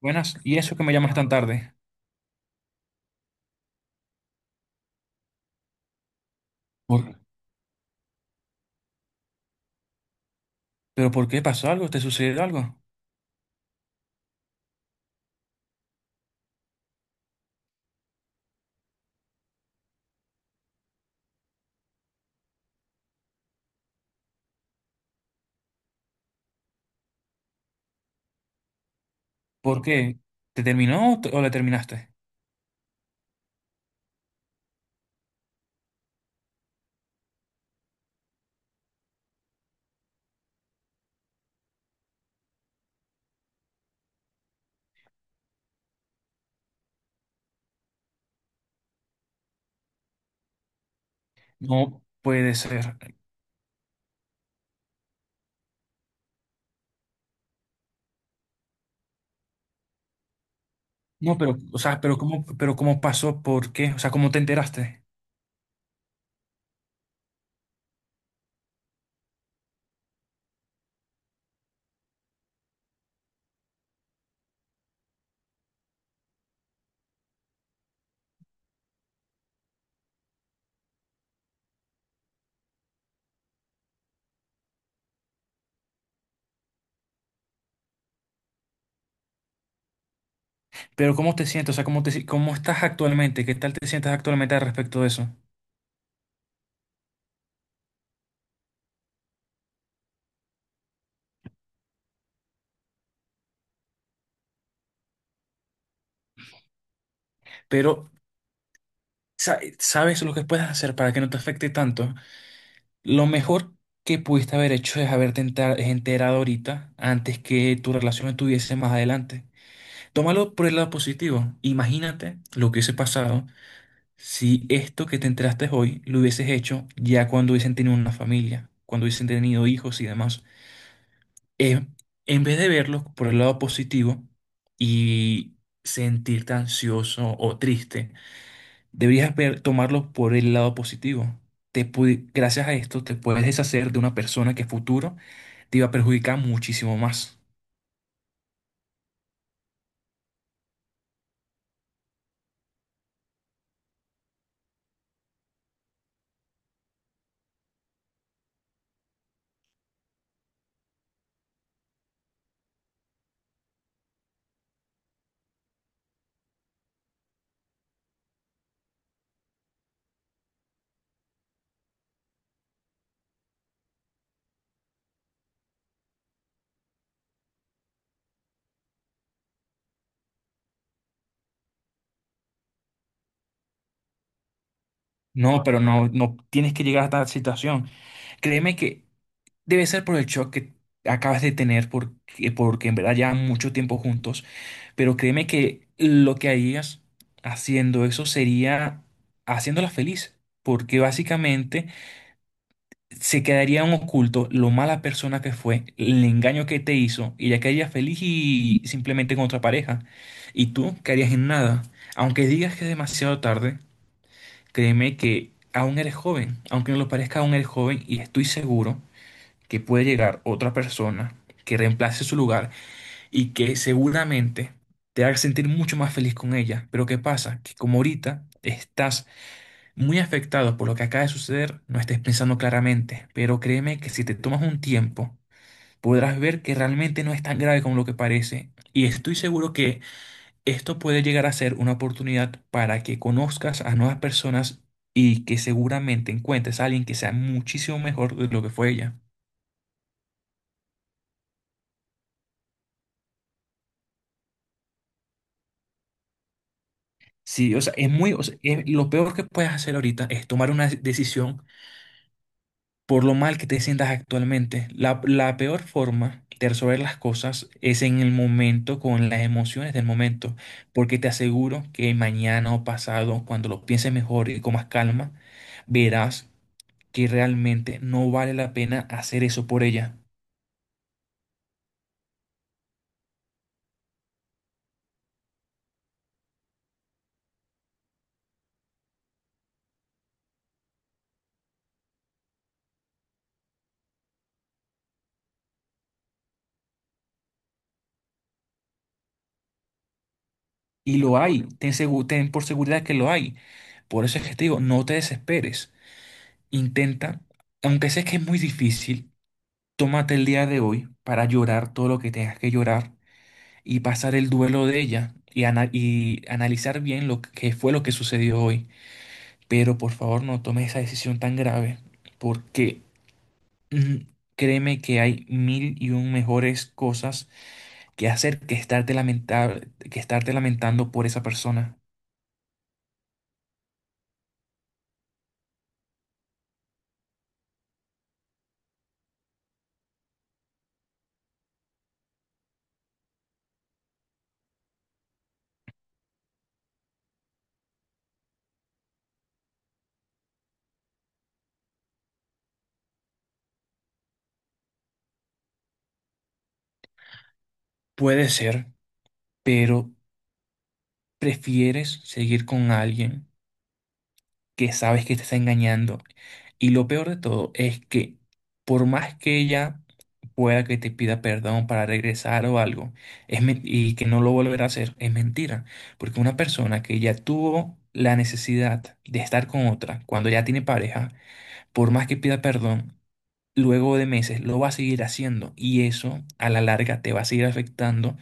Buenas, ¿y eso que me llamas tan tarde? Por- ¿Pero por qué pasó algo? ¿Te sucedió algo? ¿Por qué? ¿Te terminó o, o la terminaste? No puede ser. No, pero, o sea, pero cómo pasó, ¿por qué? O sea, ¿cómo te enteraste? Pero ¿cómo te sientes? O sea, ¿cómo te, cómo estás actualmente? ¿Qué tal te sientes actualmente al respecto de eso? Pero, ¿sabes lo que puedes hacer para que no te afecte tanto? Lo mejor que pudiste haber hecho es haberte enterado ahorita antes que tu relación estuviese más adelante. Tómalo por el lado positivo. Imagínate lo que hubiese pasado si esto que te enteraste hoy lo hubieses hecho ya cuando hubiesen tenido una familia, cuando hubiesen tenido hijos y demás. Eh, en vez de verlo por el lado positivo y sentirte ansioso o triste, deberías tomarlo por el lado positivo. Gracias a esto te puedes deshacer de una persona que a futuro te iba a perjudicar muchísimo más. No, pero no, no tienes que llegar a esta situación. Créeme que debe ser por el shock que acabas de tener, porque, porque en verdad ya mucho tiempo juntos, pero créeme que lo que harías haciendo eso sería haciéndola feliz, porque básicamente se quedaría en oculto lo mala persona que fue, el engaño que te hizo, y ella quedaría feliz y simplemente con otra pareja, y tú quedarías en nada. Aunque digas que es demasiado tarde, créeme que aún eres joven, aunque no lo parezca, aún eres joven, y estoy seguro que puede llegar otra persona que reemplace su lugar y que seguramente te haga sentir mucho más feliz con ella. Pero ¿qué pasa? Que como ahorita estás muy afectado por lo que acaba de suceder, no estés pensando claramente. Pero créeme que si te tomas un tiempo, podrás ver que realmente no es tan grave como lo que parece. Y estoy seguro que esto puede llegar a ser una oportunidad para que conozcas a nuevas personas y que seguramente encuentres a alguien que sea muchísimo mejor de lo que fue ella. Sí, o sea, es muy, o sea, lo peor que puedes hacer ahorita es tomar una decisión por lo mal que te sientas actualmente. La peor forma de resolver las cosas es en el momento, con las emociones del momento, porque te aseguro que mañana o pasado, cuando lo pienses mejor y con más calma, verás que realmente no vale la pena hacer eso por ella. Y lo hay, ten, ten por seguridad que lo hay. Por eso es que te digo, no te desesperes. Intenta, aunque sé que es muy difícil. Tómate el día de hoy para llorar todo lo que tengas que llorar y pasar el duelo de ella y, y analizar bien lo que fue lo que sucedió hoy. Pero por favor no tomes esa decisión tan grave porque mm, créeme que hay mil y un mejores cosas que hacer que que estarte lamentando por esa persona. Puede ser, pero prefieres seguir con alguien que sabes que te está engañando. Y lo peor de todo es que por más que ella pueda que te pida perdón para regresar o algo, es y que no lo volverá a hacer, es mentira. Porque una persona que ya tuvo la necesidad de estar con otra cuando ya tiene pareja, por más que pida perdón, luego de meses lo va a seguir haciendo y eso a la larga te va a seguir afectando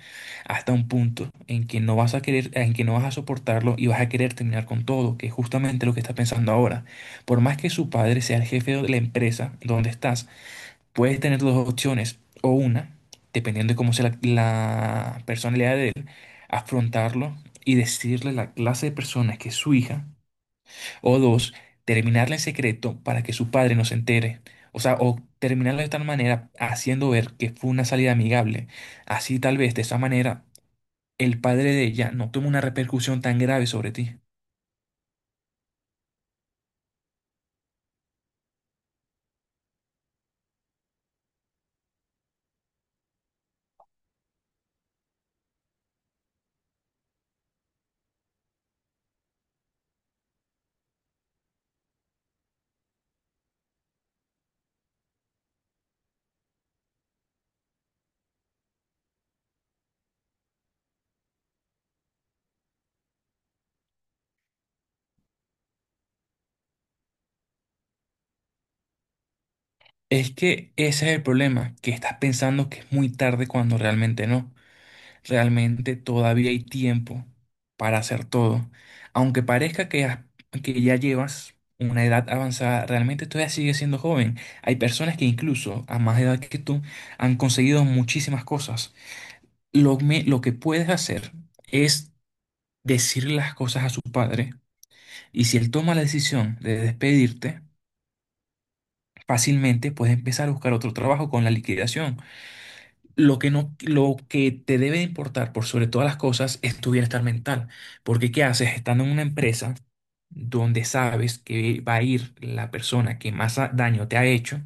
hasta un punto en que no vas a querer, en que no vas a soportarlo y vas a querer terminar con todo, que es justamente lo que está pensando ahora. Por más que su padre sea el jefe de la empresa donde estás, puedes tener dos opciones o una, dependiendo de cómo sea la personalidad de él, afrontarlo y decirle la clase de personas que es su hija o dos, terminarla en secreto para que su padre no se entere. O sea, o terminarla de tal manera haciendo ver que fue una salida amigable. Así tal vez de esa manera el padre de ella no toma una repercusión tan grave sobre ti. Es que ese es el problema, que estás pensando que es muy tarde cuando realmente no. Realmente todavía hay tiempo para hacer todo. Aunque parezca que, que ya llevas una edad avanzada, realmente todavía sigues siendo joven. Hay personas que incluso a más edad que tú han conseguido muchísimas cosas. Lo que puedes hacer es decirle las cosas a su padre y si él toma la decisión de despedirte, fácilmente puedes empezar a buscar otro trabajo con la liquidación. Lo que no, lo que te debe importar por sobre todas las cosas es tu bienestar mental. Porque ¿qué haces estando en una empresa donde sabes que va a ir la persona que más daño te ha hecho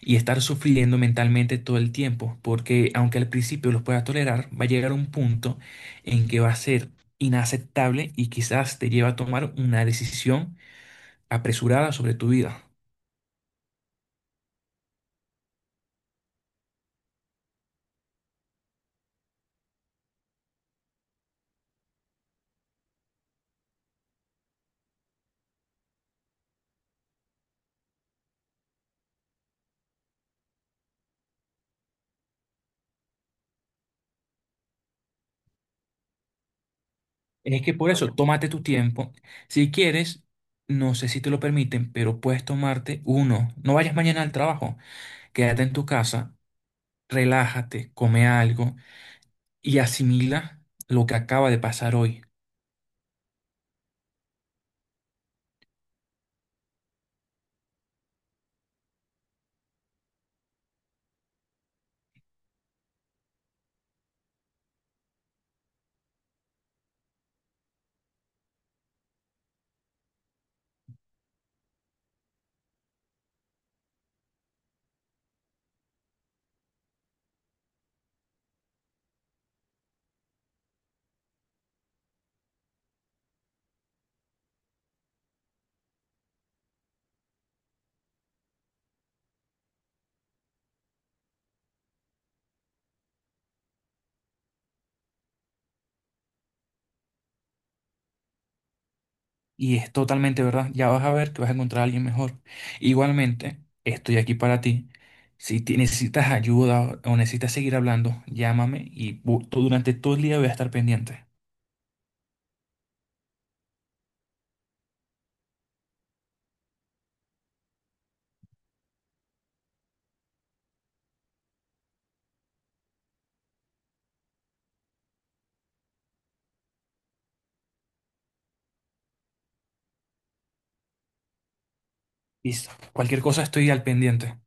y estar sufriendo mentalmente todo el tiempo? Porque aunque al principio los puedas tolerar, va a llegar un punto en que va a ser inaceptable y quizás te lleva a tomar una decisión apresurada sobre tu vida. Es que por eso, tómate tu tiempo. Si quieres, no sé si te lo permiten, pero puedes tomarte uno. No vayas mañana al trabajo. Quédate en tu casa, relájate, come algo y asimila lo que acaba de pasar hoy. Y es totalmente verdad. Ya vas a ver que vas a encontrar a alguien mejor. Igualmente, estoy aquí para ti. Si necesitas ayuda o necesitas seguir hablando, llámame y durante todo el día voy a estar pendiente. Listo. Cualquier cosa estoy al pendiente.